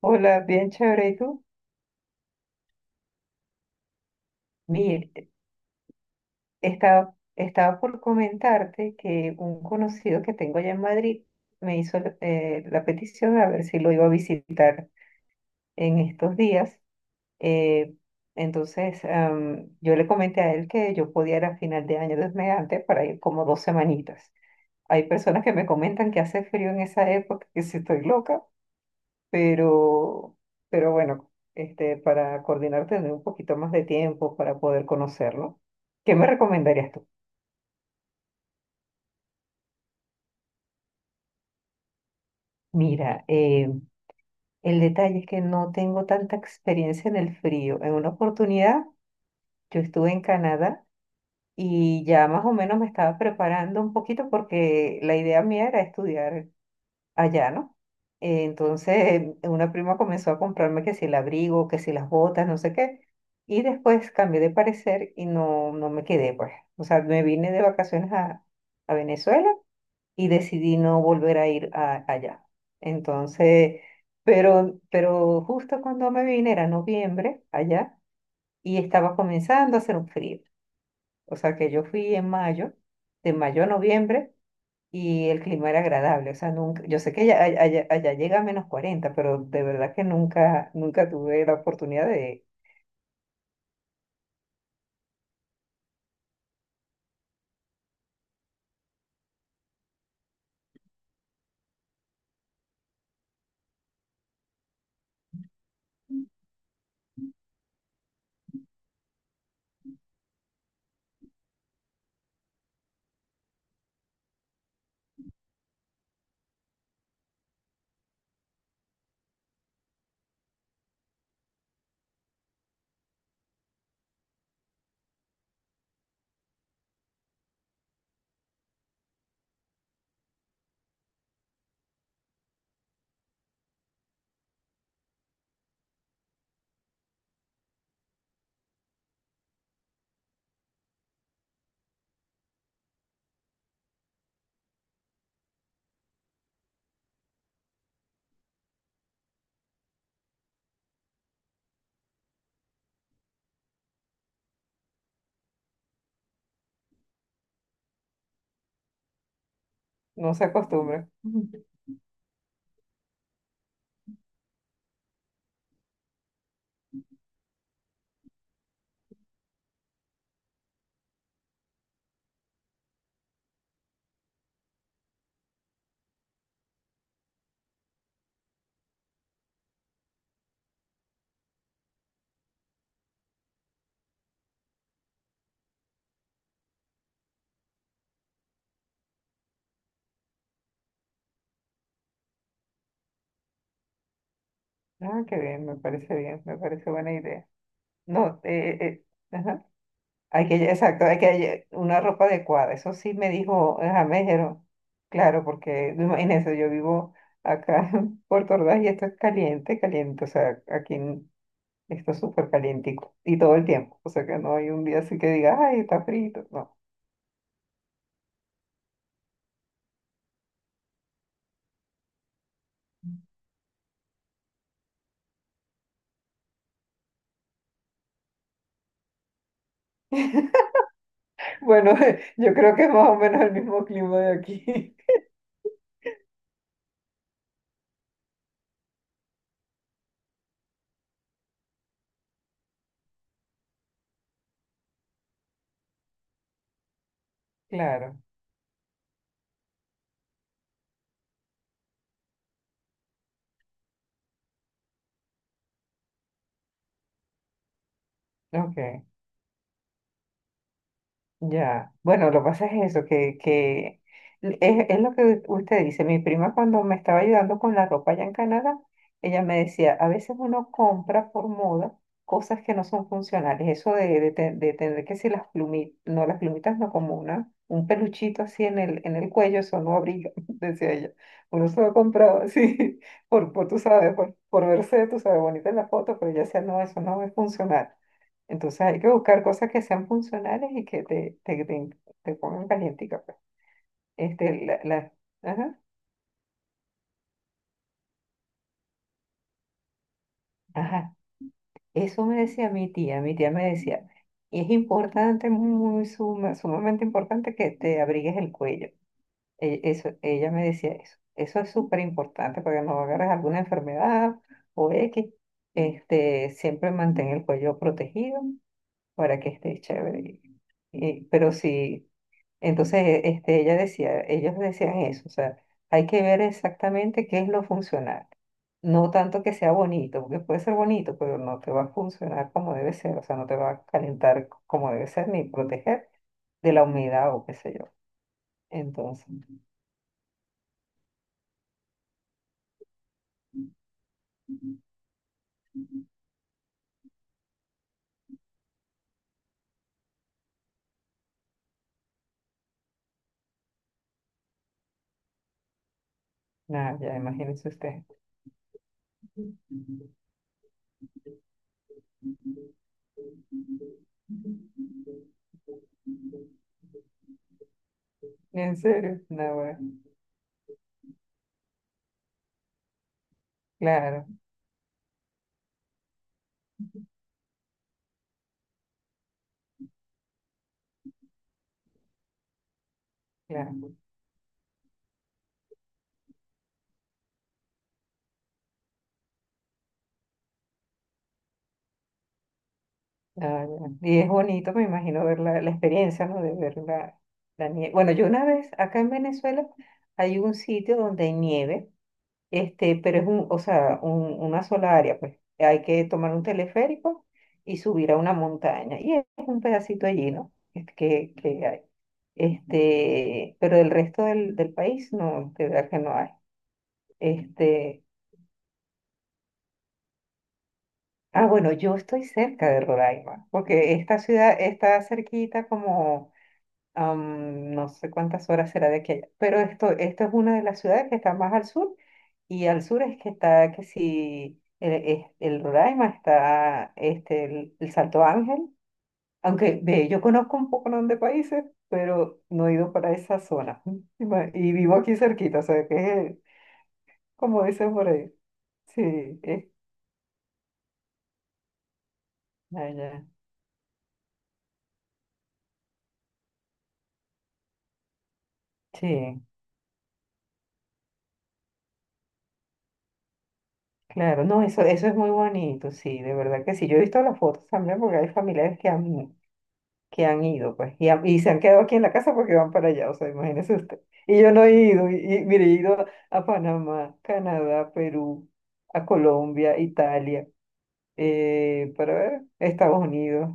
Hola, bien chévere. ¿Y tú? Mir, estaba por comentarte que un conocido que tengo allá en Madrid me hizo la petición a ver si lo iba a visitar en estos días. Eh, entonces, yo le comenté a él que yo podía ir a final de año Dios mediante para ir como dos semanitas. Hay personas que me comentan que hace frío en esa época, que si estoy loca, pero, bueno, este, para coordinar tener un poquito más de tiempo para poder conocerlo. ¿Qué me recomendarías tú? Mira, el detalle es que no tengo tanta experiencia en el frío. En una oportunidad yo estuve en Canadá y ya más o menos me estaba preparando un poquito porque la idea mía era estudiar allá, ¿no? Entonces, una prima comenzó a comprarme que si el abrigo, que si las botas, no sé qué. Y después cambié de parecer y no, me quedé, pues. O sea, me vine de vacaciones a, Venezuela y decidí no volver a allá. Entonces, pero, justo cuando me vine, era noviembre allá, y estaba comenzando a hacer un frío. O sea, que yo fui en mayo, de mayo a noviembre y el clima era agradable. O sea, nunca, yo sé que allá, allá llega a menos 40 pero de verdad que nunca, nunca tuve la oportunidad de, no se acostumbra. Ujú. Ah, qué bien, me parece buena idea. No, ajá. Hay que, exacto, hay que una ropa adecuada. Eso sí me dijo, ajá, me dijeron, claro, porque imagínense, yo vivo acá en Puerto Ordaz y esto es caliente, caliente, o sea, esto es súper calientico y todo el tiempo, o sea que no hay un día así que diga, ay, está frito, no. Bueno, yo creo que es más o menos el mismo clima de aquí. Claro, ok. Ya, bueno, lo que pasa es eso, que es, lo que usted dice. Mi prima cuando me estaba ayudando con la ropa allá en Canadá, ella me decía, a veces uno compra por moda cosas que no son funcionales. Eso de tener que si las plumitas, no, las plumitas no, como una, un peluchito así en el cuello, eso no abriga, decía ella. Uno se lo compraba así, por, tú sabes, por, verse, tú sabes, bonita en la foto, pero ella decía, no, eso no es funcional. Entonces hay que buscar cosas que sean funcionales y que te pongan calientica, pues. Este, ajá, ajá. Eso me decía mi tía me decía, es importante, muy sumamente importante que te abrigues el cuello. Eso, ella me decía eso. Eso es súper importante para que no agarres alguna enfermedad o X. Este, siempre mantén el cuello protegido para que esté chévere. Y- pero si Entonces, este, ella decía, ellos decían eso, o sea, hay que ver exactamente qué es lo funcional. No tanto que sea bonito, porque puede ser bonito, pero no te va a funcionar como debe ser, o sea, no te va a calentar como debe ser, ni proteger de la humedad o qué sé yo. Entonces, nada, ya imagínense ustedes. En serio, no, bueno, claro, claro. Ah, ya. Y es bonito, me imagino, ver la, la experiencia, ¿no? De ver la, la nieve. Bueno, yo una vez, acá en Venezuela, hay un sitio donde hay nieve, este, pero es un, o sea, una sola área, pues. Hay que tomar un teleférico y subir a una montaña. Y es un pedacito allí, ¿no? Es que hay. Este, pero el resto del, del país, no, este, de verdad que no hay. Este, ah, bueno, yo estoy cerca de Roraima, porque esta ciudad está cerquita como no sé cuántas horas será de aquí a allá, pero esto es una de las ciudades que está más al sur y al sur es que está que si el, el Roraima está este, el Salto Ángel, aunque ve, yo conozco un poco de países, pero no he ido para esa zona y vivo aquí cerquita, o sea que es como dicen por ahí, sí, es allá, sí. Claro, no, eso es muy bonito, sí, de verdad que sí. Yo he visto las fotos también porque hay familiares que han ido, pues, y, y se han quedado aquí en la casa porque van para allá, o sea, imagínese usted. Y yo no he ido, y mire, he ido a Panamá, Canadá, Perú, a Colombia, Italia, para ver, Estados Unidos,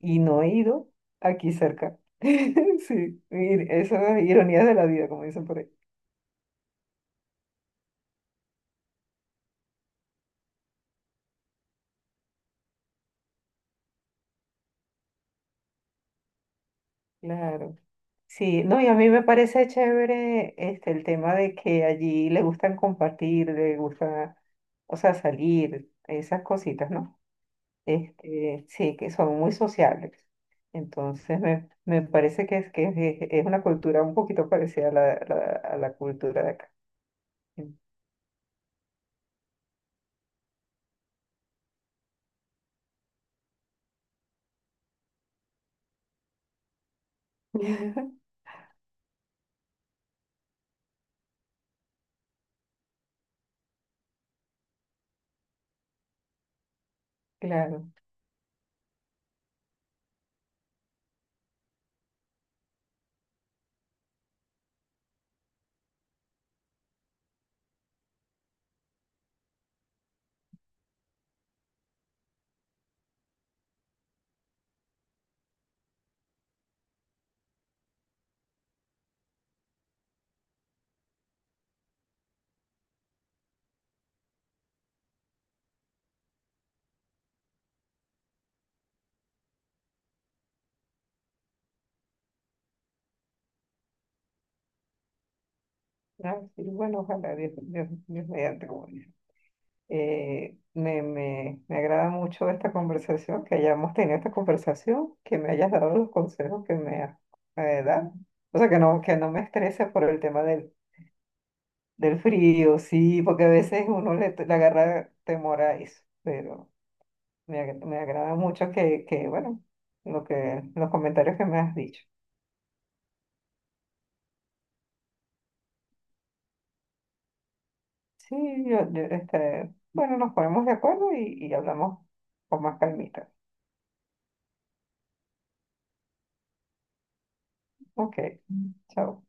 y no he ido aquí cerca. Sí, y esas ironías de la vida, como dicen por ahí. Claro. Sí, no, y a mí me parece chévere este, el tema de que allí le gustan compartir, le gusta, o sea, salir, esas cositas, ¿no? Este, sí, que son muy sociables. Entonces, me parece que es, una cultura un poquito parecida a la cultura de acá. En- Claro, ah, sí, bueno, ojalá, Dios mediante, como dice. Me agrada mucho esta conversación, que hayamos tenido esta conversación, que me hayas dado los consejos que me has dado. O sea, que no me estrese por el tema del, del frío, sí, porque a veces uno le, le agarra temor a eso, pero... Me, me agrada mucho que, lo que, los comentarios que me has dicho. Sí, este, bueno, nos ponemos de acuerdo y hablamos con más calmita. Ok, chao.